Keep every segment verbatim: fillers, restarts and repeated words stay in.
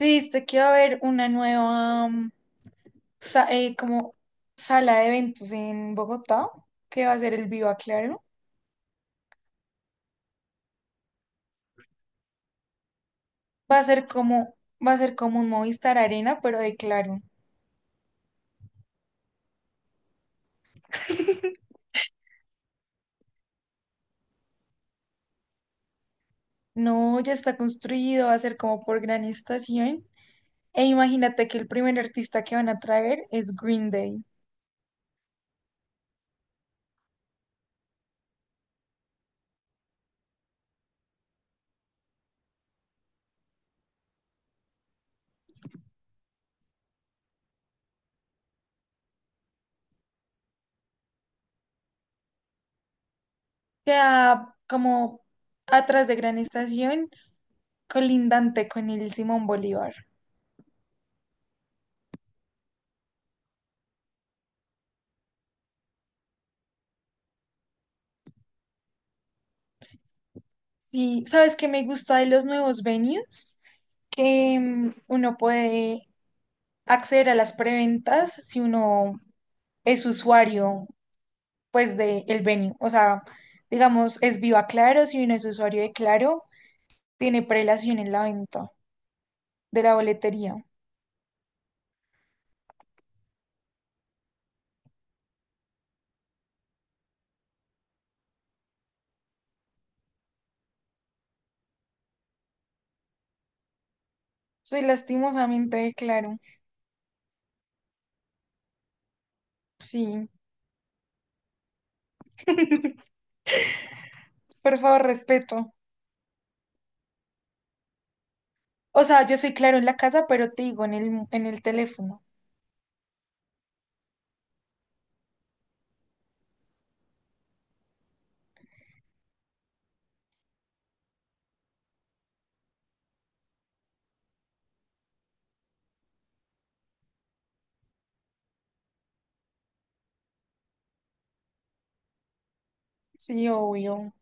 Viste que va a haber una nueva mm, sa- eh, como sala de eventos en Bogotá, que va a ser el Viva Claro. Va a ser como, va a ser como un Movistar Arena, pero de Claro. No, ya está construido, va a ser como por gran estación. E imagínate que el primer artista que van a traer es Green Day. Queda como atrás de gran estación, colindante con el Simón Bolívar. Sí, ¿sabes qué me gusta de los nuevos venues? Que mm, uno puede acceder a las preventas si uno es usuario, pues, de el venue. O sea, digamos, es Viva Claro, si uno es usuario de Claro, tiene prelación en la venta de la boletería. Soy lastimosamente de Claro. Sí. Por favor, respeto. O sea, yo soy Claro en la casa, pero te digo en el, en el teléfono. Sí, obvio.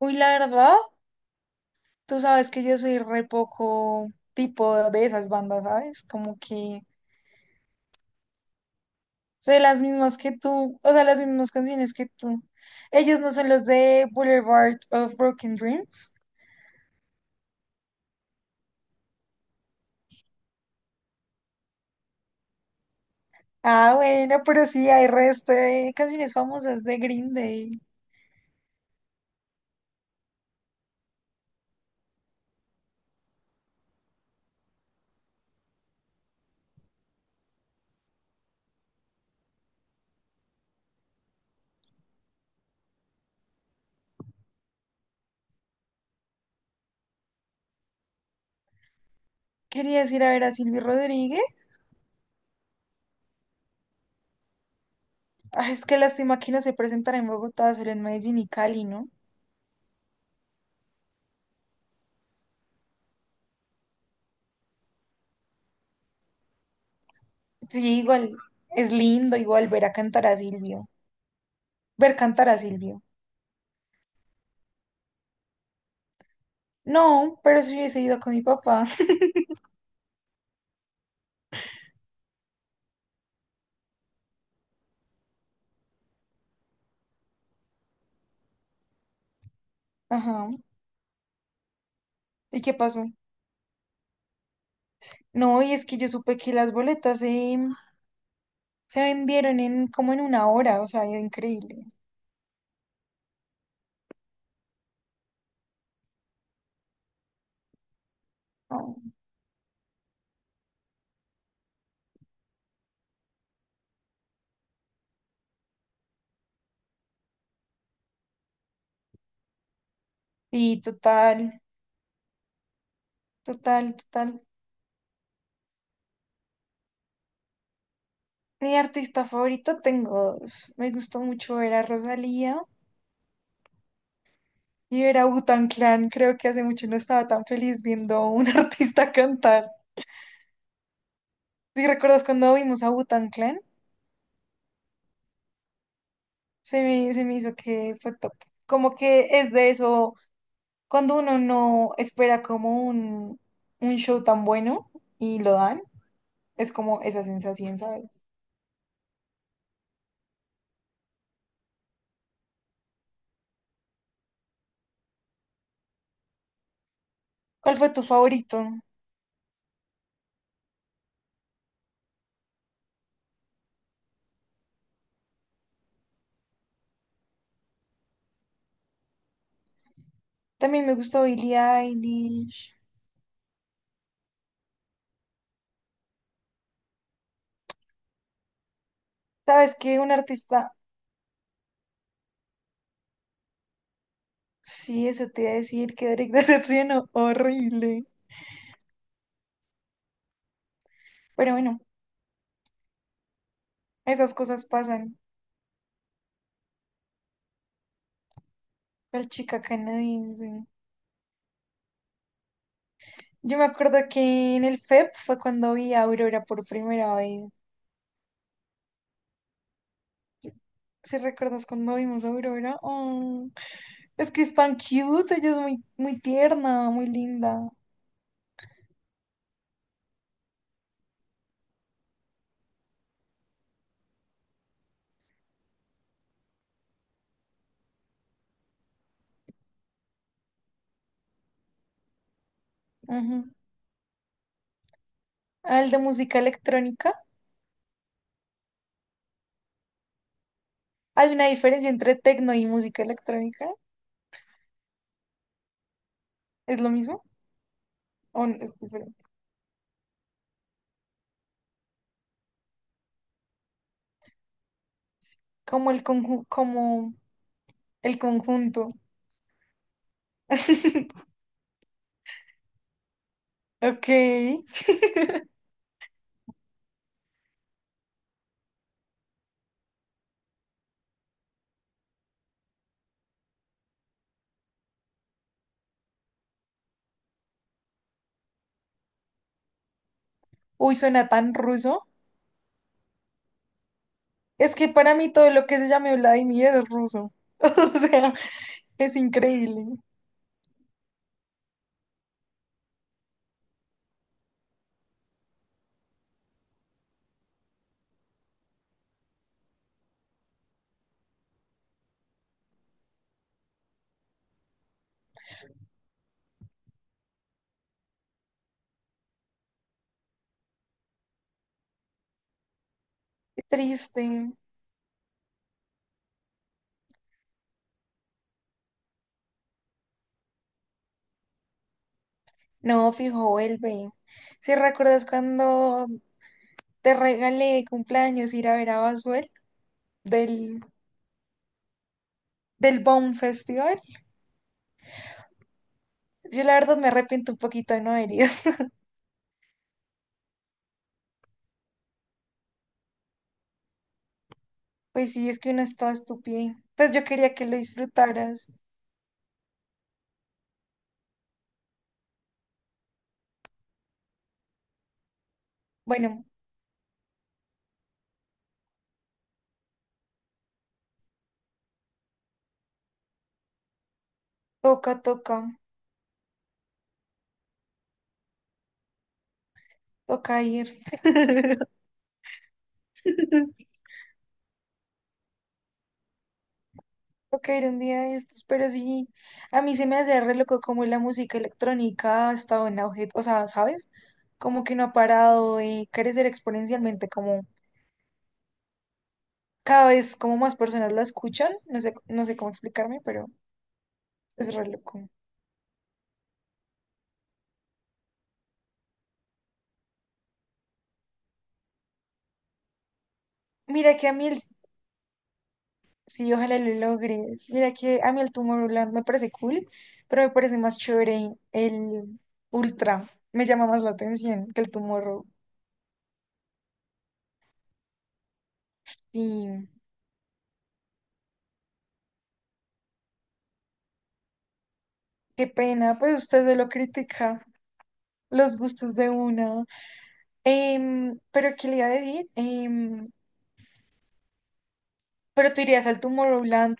Uy, la verdad, tú sabes que yo soy re poco tipo de esas bandas, ¿sabes? Como que sé las mismas que tú, o sea, las mismas canciones que tú. Ellos no son los de Boulevard of Broken Dreams. Ah, bueno, pero sí hay resto de canciones famosas de Green Day. Querías ir a ver a Silvio Rodríguez. Ah, es que lástima que no se presentará en Bogotá, solo en Medellín y Cali, ¿no? Sí, igual es lindo, igual ver a cantar a Silvio. Ver cantar a Silvio. No, pero si hubiese ido con mi papá. Ajá. ¿Y qué pasó? No, y es que yo supe que las boletas, eh, se vendieron en como en una hora, o sea, es increíble. Oh. Sí, total, total, total. Mi artista favorito tengo dos. Me gustó mucho ver a Rosalía y ver a Wu Clan. Creo que hace mucho no estaba tan feliz viendo a un artista cantar. ¿Si recuerdas cuando vimos a Wu Clan? Se me, se me hizo que fue top. Como que es de eso, cuando uno no espera como un, un show tan bueno y lo dan, es como esa sensación, ¿sabes? ¿Cuál fue tu favorito? También me gustó Billie Eilish. ¿Sabes qué? Un artista. Sí, eso te iba a decir, que Drake decepcionó. Horrible. Pero bueno, esas cosas pasan. El chica canadiense. Yo me acuerdo que en el F E P fue cuando vi a Aurora por primera vez. ¿Si recuerdas cuando vimos a Aurora? Oh. Es que es tan cute, ella es muy, muy tierna, muy linda. Ujú. Ah, el de música electrónica. ¿Hay una diferencia entre tecno y música electrónica? ¿Es lo mismo? ¿O n- es diferente? Como el conju- como el conjunto. Ok. Uy, suena tan ruso. Es que para mí todo lo que se llame Vladimir es ruso. O sea, es increíble. Qué triste. No, fijo, vuelve. ¿Si recuerdas cuando te regalé de cumpleaños ir a ver a Basuel del, del Baum Festival? Yo la verdad me arrepiento un poquito de no haber ido. Pues sí, es que uno es toda estúpida. Pues yo quería que lo disfrutaras. Bueno, toca, toca, toca ir. Caer un día de estos, pero sí, a mí se me hace re loco como la música electrónica ha estado en auge, o sea, ¿sabes? Como que no ha parado de crecer exponencialmente, como cada vez como más personas la escuchan, no sé, no sé cómo explicarme, pero es re loco. Mira que a mí el, sí, ojalá lo logres, mira que a mí el Tomorrowland me parece cool, pero me parece más chévere el Ultra, me llama más la atención que el Tomorrow, y qué pena, pues usted se lo critica. Los gustos de una. Em, pero, ¿qué le iba a decir? Em, pero tú irías al Tomorrowland,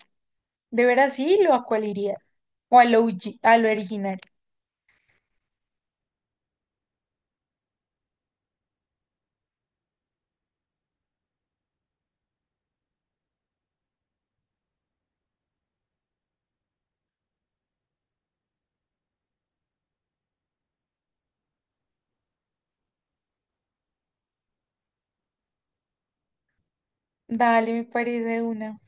¿de veras sí? ¿O a cuál irías? ¿O al O G, al original? Dale, me parece de una.